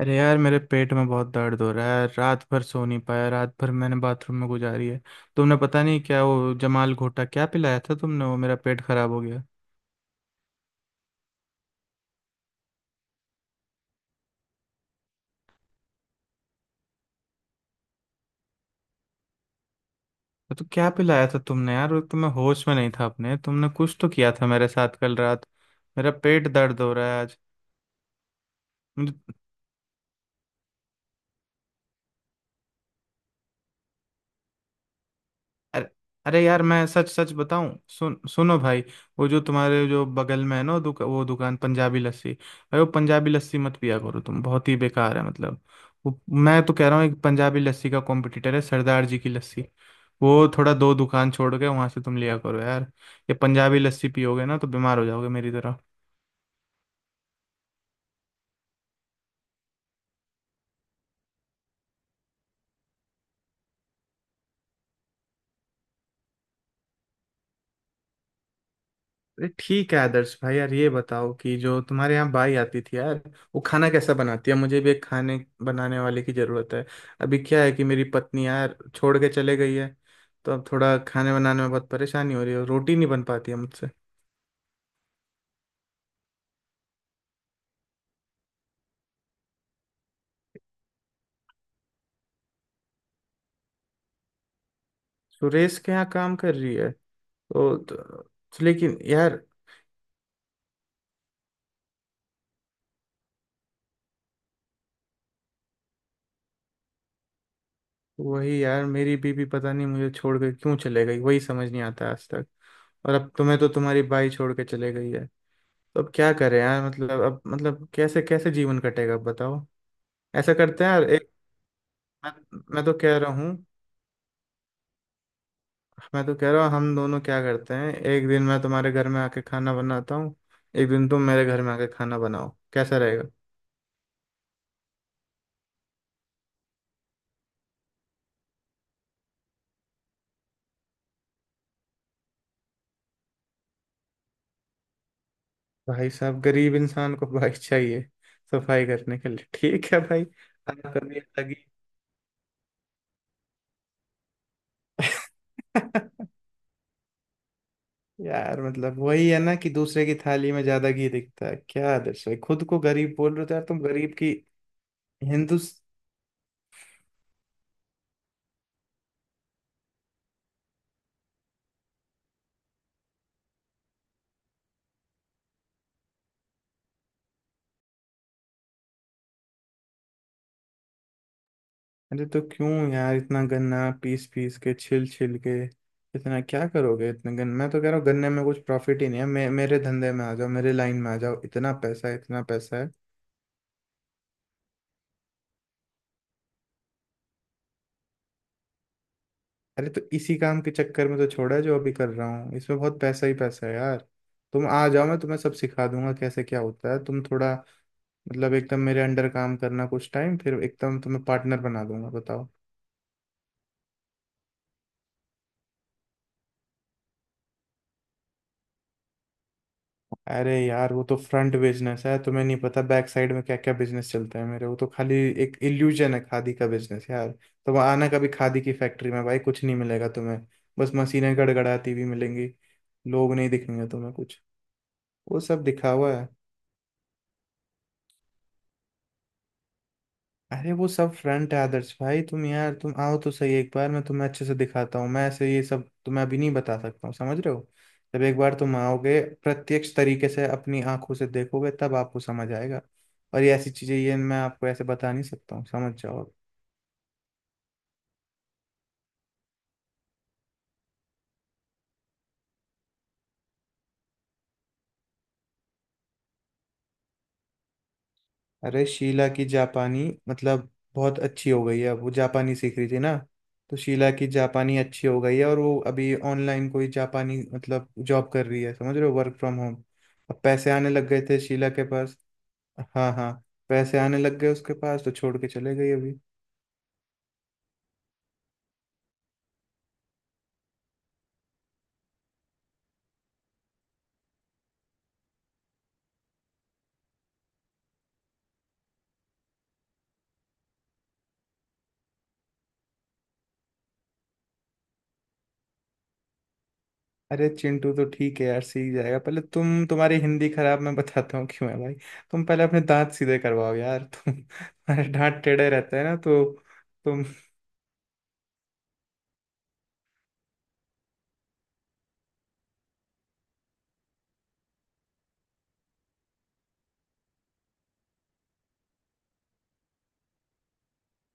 अरे यार, मेरे पेट में बहुत दर्द हो रहा है। रात भर सो नहीं पाया, रात भर मैंने बाथरूम में गुजारी है। तुमने पता नहीं क्या वो जमाल घोटा क्या पिलाया था तुमने, वो मेरा पेट खराब हो गया। तो क्या पिलाया था तुमने यार? वो तो मैं होश में नहीं था अपने, तुमने कुछ तो किया था मेरे साथ कल रात। मेरा पेट दर्द हो रहा है आज। अरे, अरे यार मैं सच सच बताऊं, सुनो भाई। वो जो तुम्हारे जो बगल में है ना, वो वो दुकान पंजाबी लस्सी, भाई वो पंजाबी लस्सी मत पिया करो, तुम बहुत ही बेकार है मतलब। वो, मैं तो कह रहा हूँ एक पंजाबी लस्सी का कॉम्पिटिटर है सरदार जी की लस्सी। वो थोड़ा दो दुकान छोड़ के वहां से तुम लिया करो यार। ये पंजाबी लस्सी पियोगे ना तो बीमार हो जाओगे मेरी तरह। अरे ठीक है आदर्श भाई, यार ये बताओ कि जो तुम्हारे यहाँ बाई आती थी यार, वो खाना कैसा बनाती है? मुझे भी एक खाने बनाने वाले की जरूरत है। अभी क्या है कि मेरी पत्नी यार छोड़ के चले गई है। तो अब थोड़ा खाने बनाने में बहुत परेशानी हो रही है, रोटी नहीं बन पाती है मुझसे। सुरेश के यहाँ काम कर रही है? तो लेकिन यार, वही यार मेरी बीबी पता नहीं मुझे छोड़ के क्यों चले गई, वही समझ नहीं आता आज तक। और अब तुम्हें तो तुम्हारी बाई छोड़ के चले गई है। तो अब क्या करें यार, मतलब अब मतलब कैसे कैसे जीवन कटेगा बताओ। ऐसा करते हैं यार, एक, मैं, मैं तो कह रहा हूँ, मैं तो कह रहा हूँ हम दोनों क्या करते हैं, एक दिन मैं तुम्हारे घर में आके खाना बनाता हूँ, एक दिन तुम मेरे घर में आके खाना बनाओ, कैसा रहेगा? भाई साहब, गरीब इंसान को भाई चाहिए सफाई करने के लिए, ठीक है भाई। आपका भी अलग ही यार, मतलब वही है ना कि दूसरे की थाली में ज्यादा घी दिखता है। क्या आदर्श भाई, खुद को गरीब बोल रहे हो तो यार, तुम गरीब की हिंदू। अरे तो क्यों यार इतना गन्ना पीस पीस के छिल छिल के, इतना क्या करोगे इतने गन्ने? मैं तो कह रहा हूँ गन्ने में कुछ प्रॉफिट ही नहीं है। मेरे धंधे में आ जाओ, मेरे लाइन में आ जाओ, इतना पैसा है, इतना पैसा है। अरे तो इसी काम के चक्कर में तो छोड़ा है, जो अभी कर रहा हूँ इसमें बहुत पैसा ही पैसा है यार। तुम आ जाओ, मैं तुम्हें सब सिखा दूंगा कैसे क्या होता है। तुम थोड़ा, मतलब एकदम मेरे अंडर काम करना कुछ टाइम, फिर एकदम तुम्हें पार्टनर बना दूंगा, बताओ। अरे यार वो तो फ्रंट बिजनेस है, तुम्हें नहीं पता बैक साइड में क्या क्या बिजनेस चलते हैं मेरे। वो तो खाली एक इल्यूजन है खादी का बिजनेस यार। तुम आना कभी खादी की फैक्ट्री में, भाई कुछ नहीं मिलेगा तुम्हें, बस मशीनें गड़गड़ाती हुई मिलेंगी, लोग नहीं दिखेंगे तुम्हें कुछ। वो सब दिखावा है। अरे वो सब फ्रंट है आदर्श भाई, तुम यार तुम आओ तो सही एक बार, मैं तुम्हें अच्छे से दिखाता हूँ। मैं ऐसे ये सब तुम्हें अभी नहीं बता सकता हूँ, समझ रहे हो? जब एक बार तुम आओगे, प्रत्यक्ष तरीके से अपनी आंखों से देखोगे, तब आपको समझ आएगा। और ये ऐसी चीजें ये मैं आपको ऐसे बता नहीं सकता हूँ, समझ जाओ। अरे शीला की जापानी मतलब बहुत अच्छी हो गई है। अब वो जापानी सीख रही थी ना, तो शीला की जापानी अच्छी हो गई है और वो अभी ऑनलाइन कोई जापानी मतलब जॉब कर रही है, समझ रहे हो, वर्क फ्रॉम होम। अब पैसे आने लग गए थे शीला के पास। हाँ हाँ, पैसे आने लग गए उसके पास तो छोड़ के चले गई अभी। अरे चिंटू तो ठीक है यार, सीख जाएगा। पहले तुम, तुम्हारी हिंदी खराब, मैं बताता हूँ क्यों है भाई। तुम पहले अपने दांत सीधे करवाओ यार तुम। अरे दांत टेढ़े रहते हैं ना तो। तुम,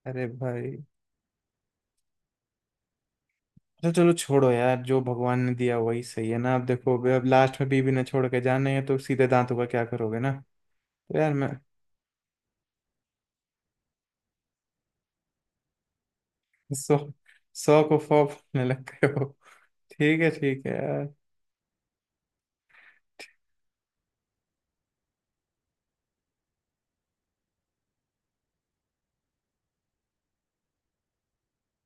अरे भाई, अच्छा चलो छोड़ो यार, जो भगवान ने दिया वही सही है ना। अब देखो, अब लास्ट में बीवी ने छोड़ के जाना है तो सीधे दांतों का क्या करोगे ना? तो यार मैं, सौ, सौ को फॉ बोलने लग गए हो? ठीक है यार।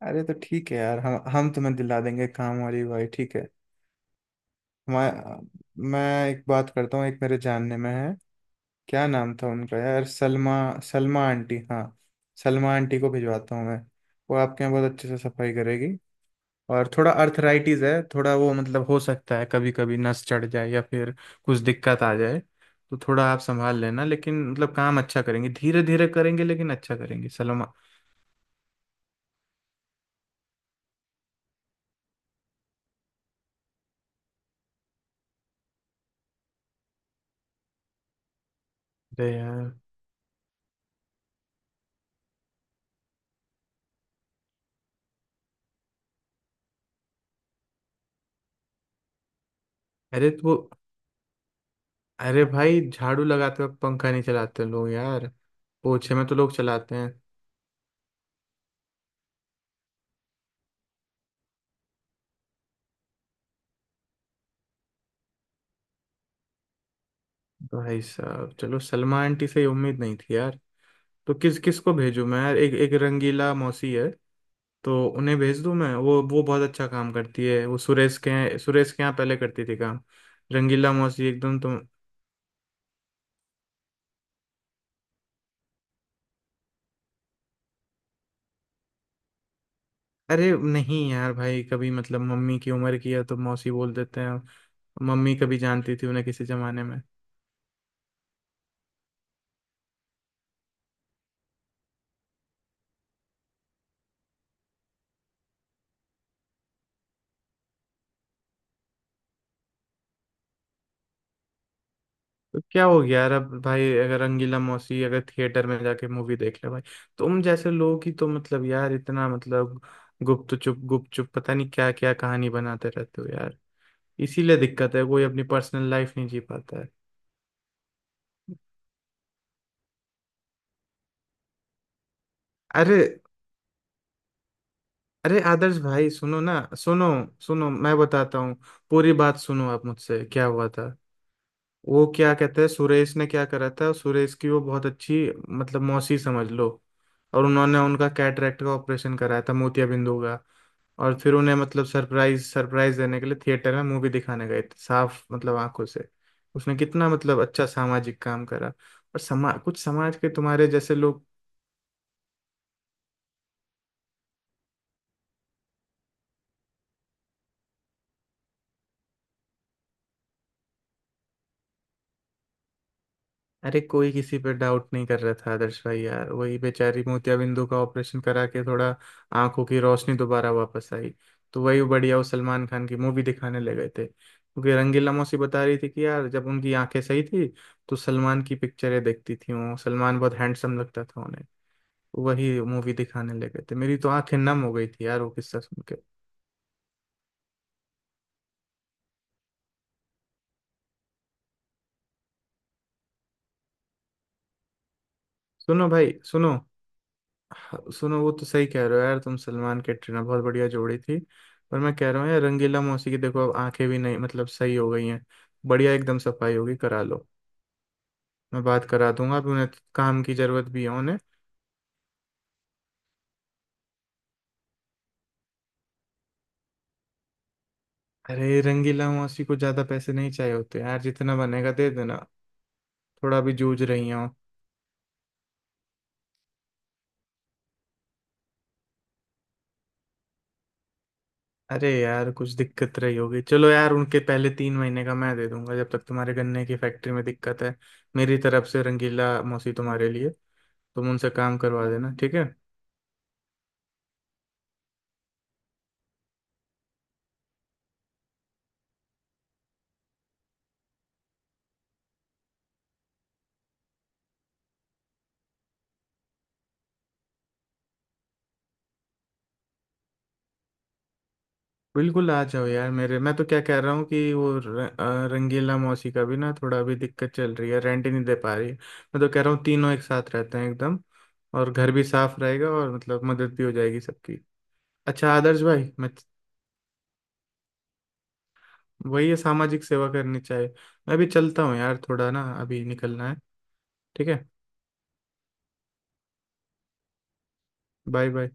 अरे तो ठीक है यार, हम तुम्हें दिला देंगे काम वाली, भाई ठीक है। मैं मैं एक बात करता हूँ, एक मेरे जानने में है। क्या नाम था उनका यार, सलमा, सलमा आंटी, हाँ। सलमा आंटी को भिजवाता हूँ मैं, वो आपके यहाँ बहुत अच्छे से सफाई करेगी। और थोड़ा अर्थराइटिस है थोड़ा, वो मतलब हो सकता है कभी कभी नस चढ़ जाए या फिर कुछ दिक्कत आ जाए, तो थोड़ा आप संभाल लेना। लेकिन मतलब काम अच्छा करेंगे, धीरे धीरे करेंगे लेकिन अच्छा करेंगे सलमा। अरे यार, अरे तो, अरे भाई झाड़ू लगाते वक्त पंखा नहीं चलाते लोग यार, पोछे में तो लोग चलाते हैं। भाई साहब, चलो सलमा आंटी से ये उम्मीद नहीं थी यार। तो किस किस को भेजूं मैं यार? एक एक रंगीला मौसी है, तो उन्हें भेज दूं मैं? वो बहुत अच्छा काम करती है। वो सुरेश के यहाँ पहले करती थी काम, रंगीला मौसी एकदम, तुम। अरे नहीं यार भाई, कभी मतलब मम्मी की उम्र की है तो मौसी बोल देते हैं। मम्मी कभी जानती थी उन्हें किसी जमाने में। तो क्या हो गया यार अब भाई, अगर रंगीला मौसी अगर थिएटर में जाके मूवी देख ले भाई, तुम जैसे लोगों की तो मतलब यार इतना मतलब गुप्त चुप पता नहीं क्या क्या कहानी बनाते रहते हो यार। इसीलिए दिक्कत है, कोई अपनी पर्सनल लाइफ नहीं जी पाता है। अरे, अरे आदर्श भाई सुनो ना, सुनो, सुनो मैं बताता हूँ, पूरी बात सुनो आप मुझसे। क्या हुआ था वो क्या कहते हैं, सुरेश ने क्या करा था, सुरेश की वो बहुत अच्छी मतलब मौसी समझ लो, और उन्होंने उनका कैटरेक्ट का ऑपरेशन कराया था, मोतियाबिंद हो गया। और फिर उन्हें मतलब सरप्राइज सरप्राइज देने के लिए थिएटर में मूवी दिखाने गए थे, साफ मतलब आंखों से। उसने कितना मतलब अच्छा सामाजिक काम करा, और समा कुछ समाज के तुम्हारे जैसे लोग। अरे कोई किसी पे डाउट नहीं कर रहा था आदर्श भाई यार, वही बेचारी मोतियाबिंदु का ऑपरेशन करा के थोड़ा आंखों की रोशनी दोबारा वापस आई, तो वही बढ़िया वो सलमान खान की मूवी दिखाने ले गए थे। क्योंकि रंगीला मौसी बता रही थी कि यार जब उनकी आंखें सही थी तो सलमान की पिक्चरें देखती थी वो, सलमान बहुत हैंडसम लगता था उन्हें, वही मूवी दिखाने लगे थे। मेरी तो आंखें नम हो गई थी यार वो किस्सा सुन के। सुनो भाई सुनो, हाँ, सुनो, वो तो सही कह रहे हो यार तुम, सलमान कैटरीना बहुत बढ़िया जोड़ी थी। पर मैं कह रहा हूँ यार, रंगीला मौसी की देखो अब आंखें भी नहीं मतलब सही हो गई हैं, बढ़िया एकदम सफाई होगी, करा लो। मैं बात करा दूंगा अभी उन्हें, काम की जरूरत भी है उन्हें। अरे रंगीला मौसी को ज्यादा पैसे नहीं चाहिए होते यार, जितना बनेगा दे देना। थोड़ा भी जूझ रही हैं वो। अरे यार कुछ दिक्कत रही होगी, चलो यार उनके पहले 3 महीने का मैं दे दूंगा, जब तक तुम्हारे गन्ने की फैक्ट्री में दिक्कत है। मेरी तरफ से रंगीला मौसी तुम्हारे लिए, तुम उनसे काम करवा देना, ठीक है। बिल्कुल आ जाओ यार मेरे, मैं तो क्या कह रहा हूँ कि वो रंगीला मौसी का भी ना थोड़ा अभी दिक्कत चल रही है, रेंट ही नहीं दे पा रही है। मैं तो कह रहा हूँ तीनों एक साथ रहते हैं एकदम, और घर भी साफ रहेगा और मतलब मदद भी हो जाएगी सबकी। अच्छा आदर्श भाई, मैं, वही है सामाजिक सेवा करनी चाहिए। मैं भी चलता हूँ यार थोड़ा, ना अभी निकलना है, ठीक है। Bye bye.